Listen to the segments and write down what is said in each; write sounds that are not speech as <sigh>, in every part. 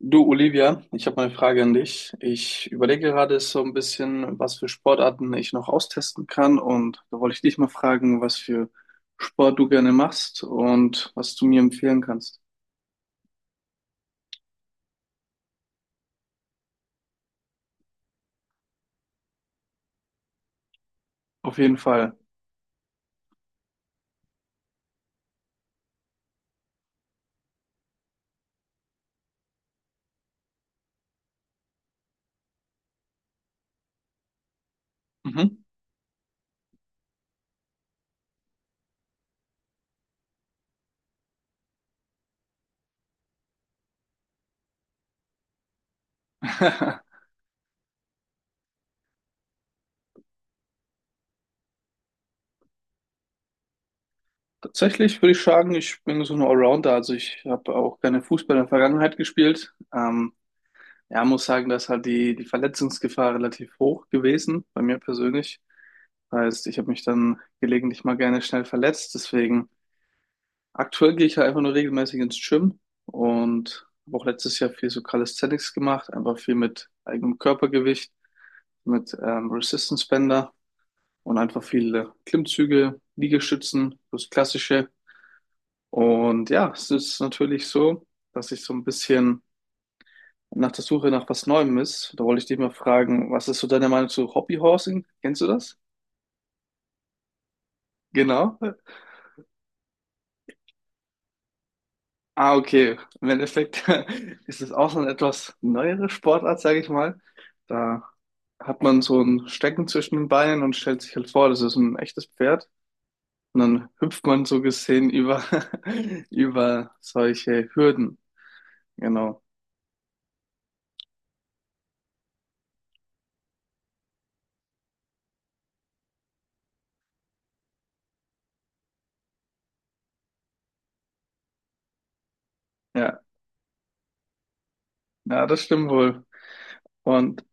Du, Olivia, ich habe mal eine Frage an dich. Ich überlege gerade so ein bisschen, was für Sportarten ich noch austesten kann. Und da wollte ich dich mal fragen, was für Sport du gerne machst und was du mir empfehlen kannst. Auf jeden Fall. Mhm. <laughs> Tatsächlich würde ich sagen, ich bin so ein Allrounder. Also ich habe auch gerne Fußball in der Vergangenheit gespielt. Ja, muss sagen, da ist halt die Verletzungsgefahr relativ hoch gewesen, bei mir persönlich. Heißt, ich habe mich dann gelegentlich mal gerne schnell verletzt. Deswegen aktuell gehe ich halt einfach nur regelmäßig ins Gym und habe auch letztes Jahr viel so Calisthenics gemacht, einfach viel mit eigenem Körpergewicht, mit Resistance Bänder und einfach viele Klimmzüge, Liegestützen, das Klassische. Und ja, es ist natürlich so, dass ich so ein bisschen nach der Suche nach was Neuem ist. Da wollte ich dich mal fragen, was ist so deine Meinung zu Hobbyhorsing? Kennst du das? Genau. Ah, okay. Im Endeffekt <laughs> ist es auch so eine etwas neuere Sportart, sage ich mal. Da hat man so ein Stecken zwischen den Beinen und stellt sich halt vor, das ist ein echtes Pferd. Und dann hüpft man so gesehen über, <laughs> über solche Hürden. Genau. Ja, ja, das stimmt wohl. Und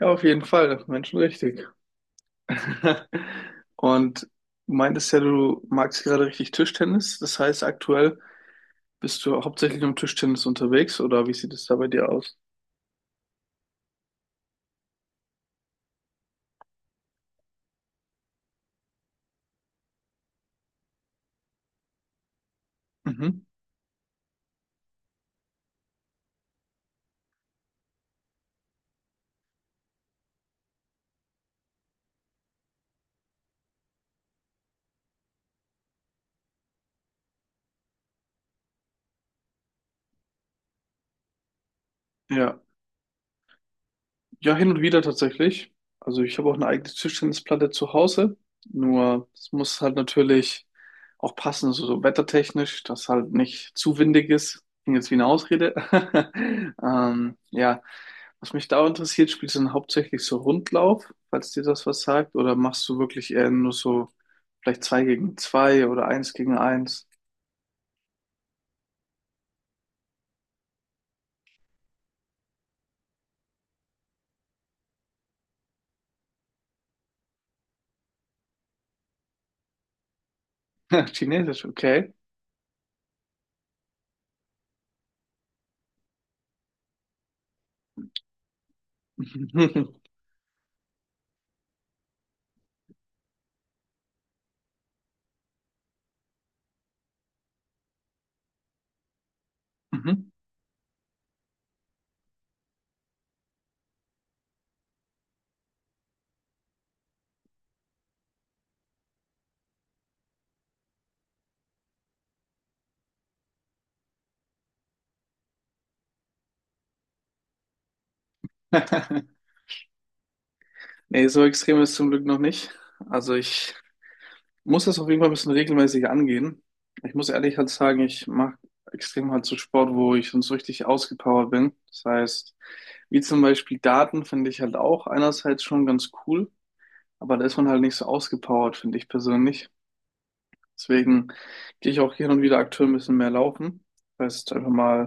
ja, auf jeden Fall, Menschen richtig. <laughs> Und du meintest ja, du magst gerade richtig Tischtennis. Das heißt, aktuell bist du hauptsächlich im Tischtennis unterwegs oder wie sieht es da bei dir aus? Mhm. Ja. Ja, hin und wieder tatsächlich. Also ich habe auch eine eigene Tischtennisplatte zu Hause. Nur es muss halt natürlich auch passen, so, so wettertechnisch, dass halt nicht zu windig ist. Klingt jetzt wie eine Ausrede. <laughs> Ja. Was mich da interessiert, spielst du dann hauptsächlich so Rundlauf, falls dir das was sagt, oder machst du wirklich eher nur so vielleicht zwei gegen zwei oder eins gegen eins? <laughs> Chinesisch, okay. <laughs> Mhm. <laughs> Nee, so extrem ist es zum Glück noch nicht. Also ich muss das auf jeden Fall ein bisschen regelmäßig angehen. Ich muss ehrlich halt sagen, ich mache extrem halt so Sport, wo ich sonst richtig ausgepowert bin. Das heißt, wie zum Beispiel Daten finde ich halt auch einerseits schon ganz cool, aber da ist man halt nicht so ausgepowert, finde ich persönlich. Deswegen gehe ich auch hin und wieder aktuell ein bisschen mehr laufen. Das heißt, einfach mal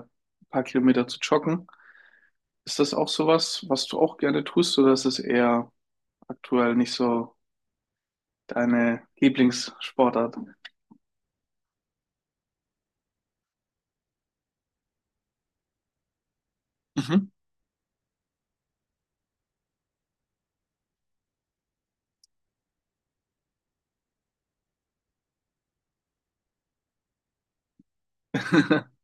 ein paar Kilometer zu joggen. Ist das auch sowas, was du auch gerne tust, oder ist es eher aktuell nicht so deine Lieblingssportart. Mhm. <laughs>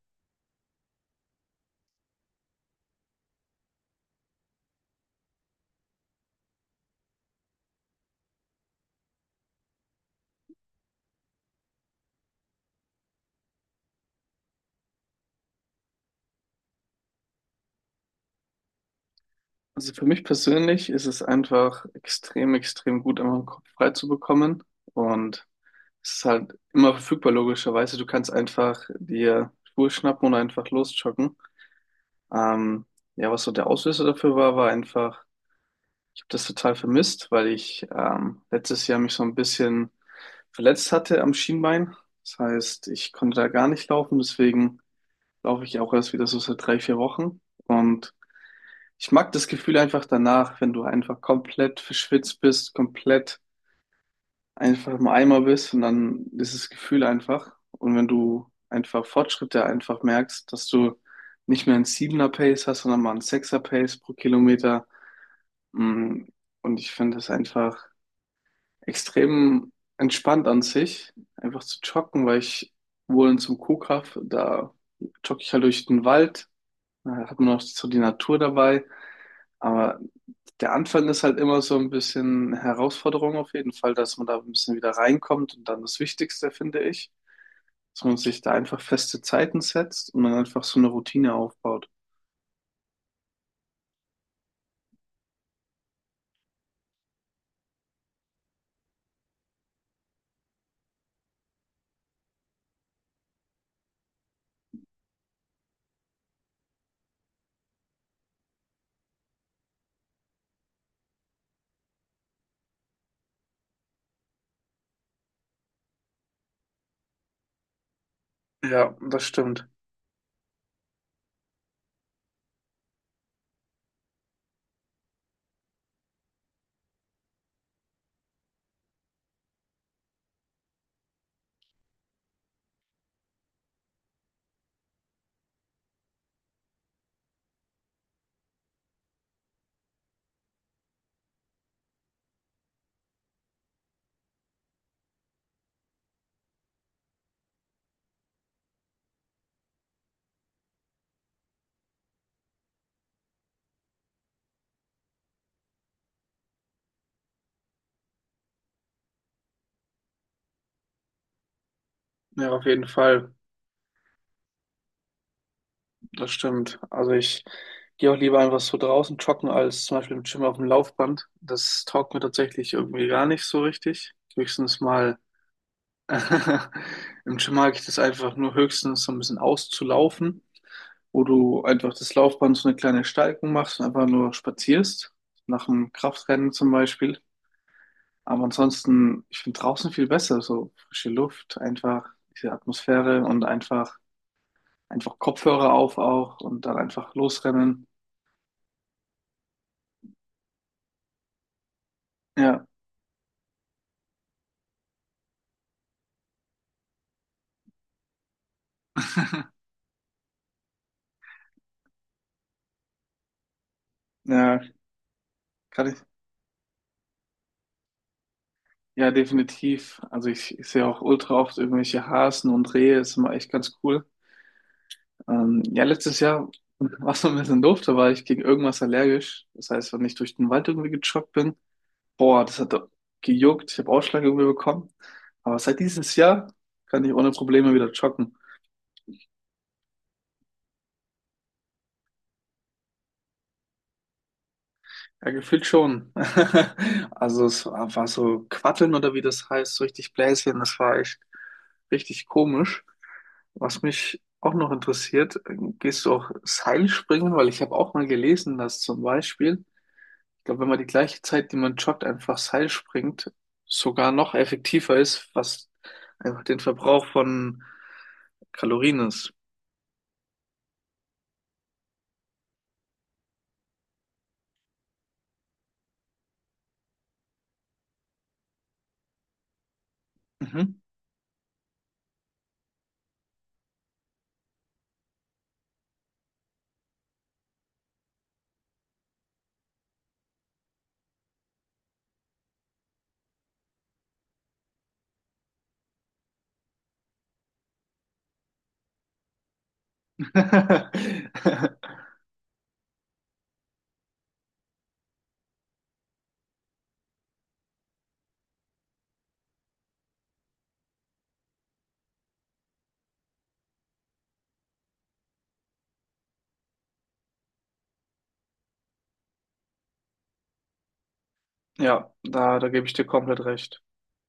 Also für mich persönlich ist es einfach extrem, extrem gut, immer den Kopf frei zu bekommen. Und es ist halt immer verfügbar, logischerweise. Du kannst einfach dir Schuhe schnappen und einfach losjoggen. Ähm, ja, was so der Auslöser dafür war, war einfach, ich habe das total vermisst, weil ich letztes Jahr mich so ein bisschen verletzt hatte am Schienbein. Das heißt, ich konnte da gar nicht laufen. Deswegen laufe ich auch erst wieder so seit drei, vier Wochen. Und ich mag das Gefühl einfach danach, wenn du einfach komplett verschwitzt bist, komplett einfach im Eimer bist und dann dieses Gefühl einfach. Und wenn du einfach Fortschritte einfach merkst, dass du nicht mehr einen 7 Pace hast, sondern mal einen 6 Pace pro Kilometer. Mm, Und ich finde es einfach extrem entspannt an sich, einfach zu joggen, weil ich wohl in zum Kuhkaff, da jogge ich halt durch den Wald. Ja, da hat man auch so die Natur dabei. Aber der Anfang ist halt immer so ein bisschen Herausforderung auf jeden Fall, dass man da ein bisschen wieder reinkommt. Und dann das Wichtigste, finde ich, dass man sich da einfach feste Zeiten setzt und dann einfach so eine Routine aufbaut. Ja, das stimmt. Ja, auf jeden Fall. Das stimmt. Also ich gehe auch lieber einfach so draußen joggen, als zum Beispiel im Gym auf dem Laufband. Das taugt mir tatsächlich irgendwie gar nicht so richtig. Höchstens mal. <laughs> Im Gym mag ich das einfach nur höchstens so ein bisschen auszulaufen, wo du einfach das Laufband so eine kleine Steigung machst und einfach nur spazierst, nach dem Kraftrennen zum Beispiel. Aber ansonsten, ich finde draußen viel besser, so frische Luft, einfach diese Atmosphäre und einfach, einfach Kopfhörer auf auch und dann einfach losrennen. Ja, ja, kann ich, ja, definitiv. Also ich sehe auch ultra oft irgendwelche Hasen und Rehe, ist immer echt ganz cool. Ja, letztes Jahr war es ein bisschen doof, da war ich gegen irgendwas allergisch. Das heißt, wenn ich durch den Wald irgendwie gejoggt bin, boah, das hat gejuckt, ich habe Ausschlag irgendwie bekommen. Aber seit dieses Jahr kann ich ohne Probleme wieder joggen. Ja, gefühlt schon. <laughs> Also es war, war so Quatteln oder wie das heißt, so richtig Bläschen, das war echt richtig komisch. Was mich auch noch interessiert, gehst du auch Seilspringen? Weil ich habe auch mal gelesen, dass zum Beispiel ich glaube, wenn man die gleiche Zeit, die man joggt, einfach Seil springt, sogar noch effektiver ist, was einfach den Verbrauch von Kalorien ist. Mhm. <laughs> Ja, da, da gebe ich dir komplett recht.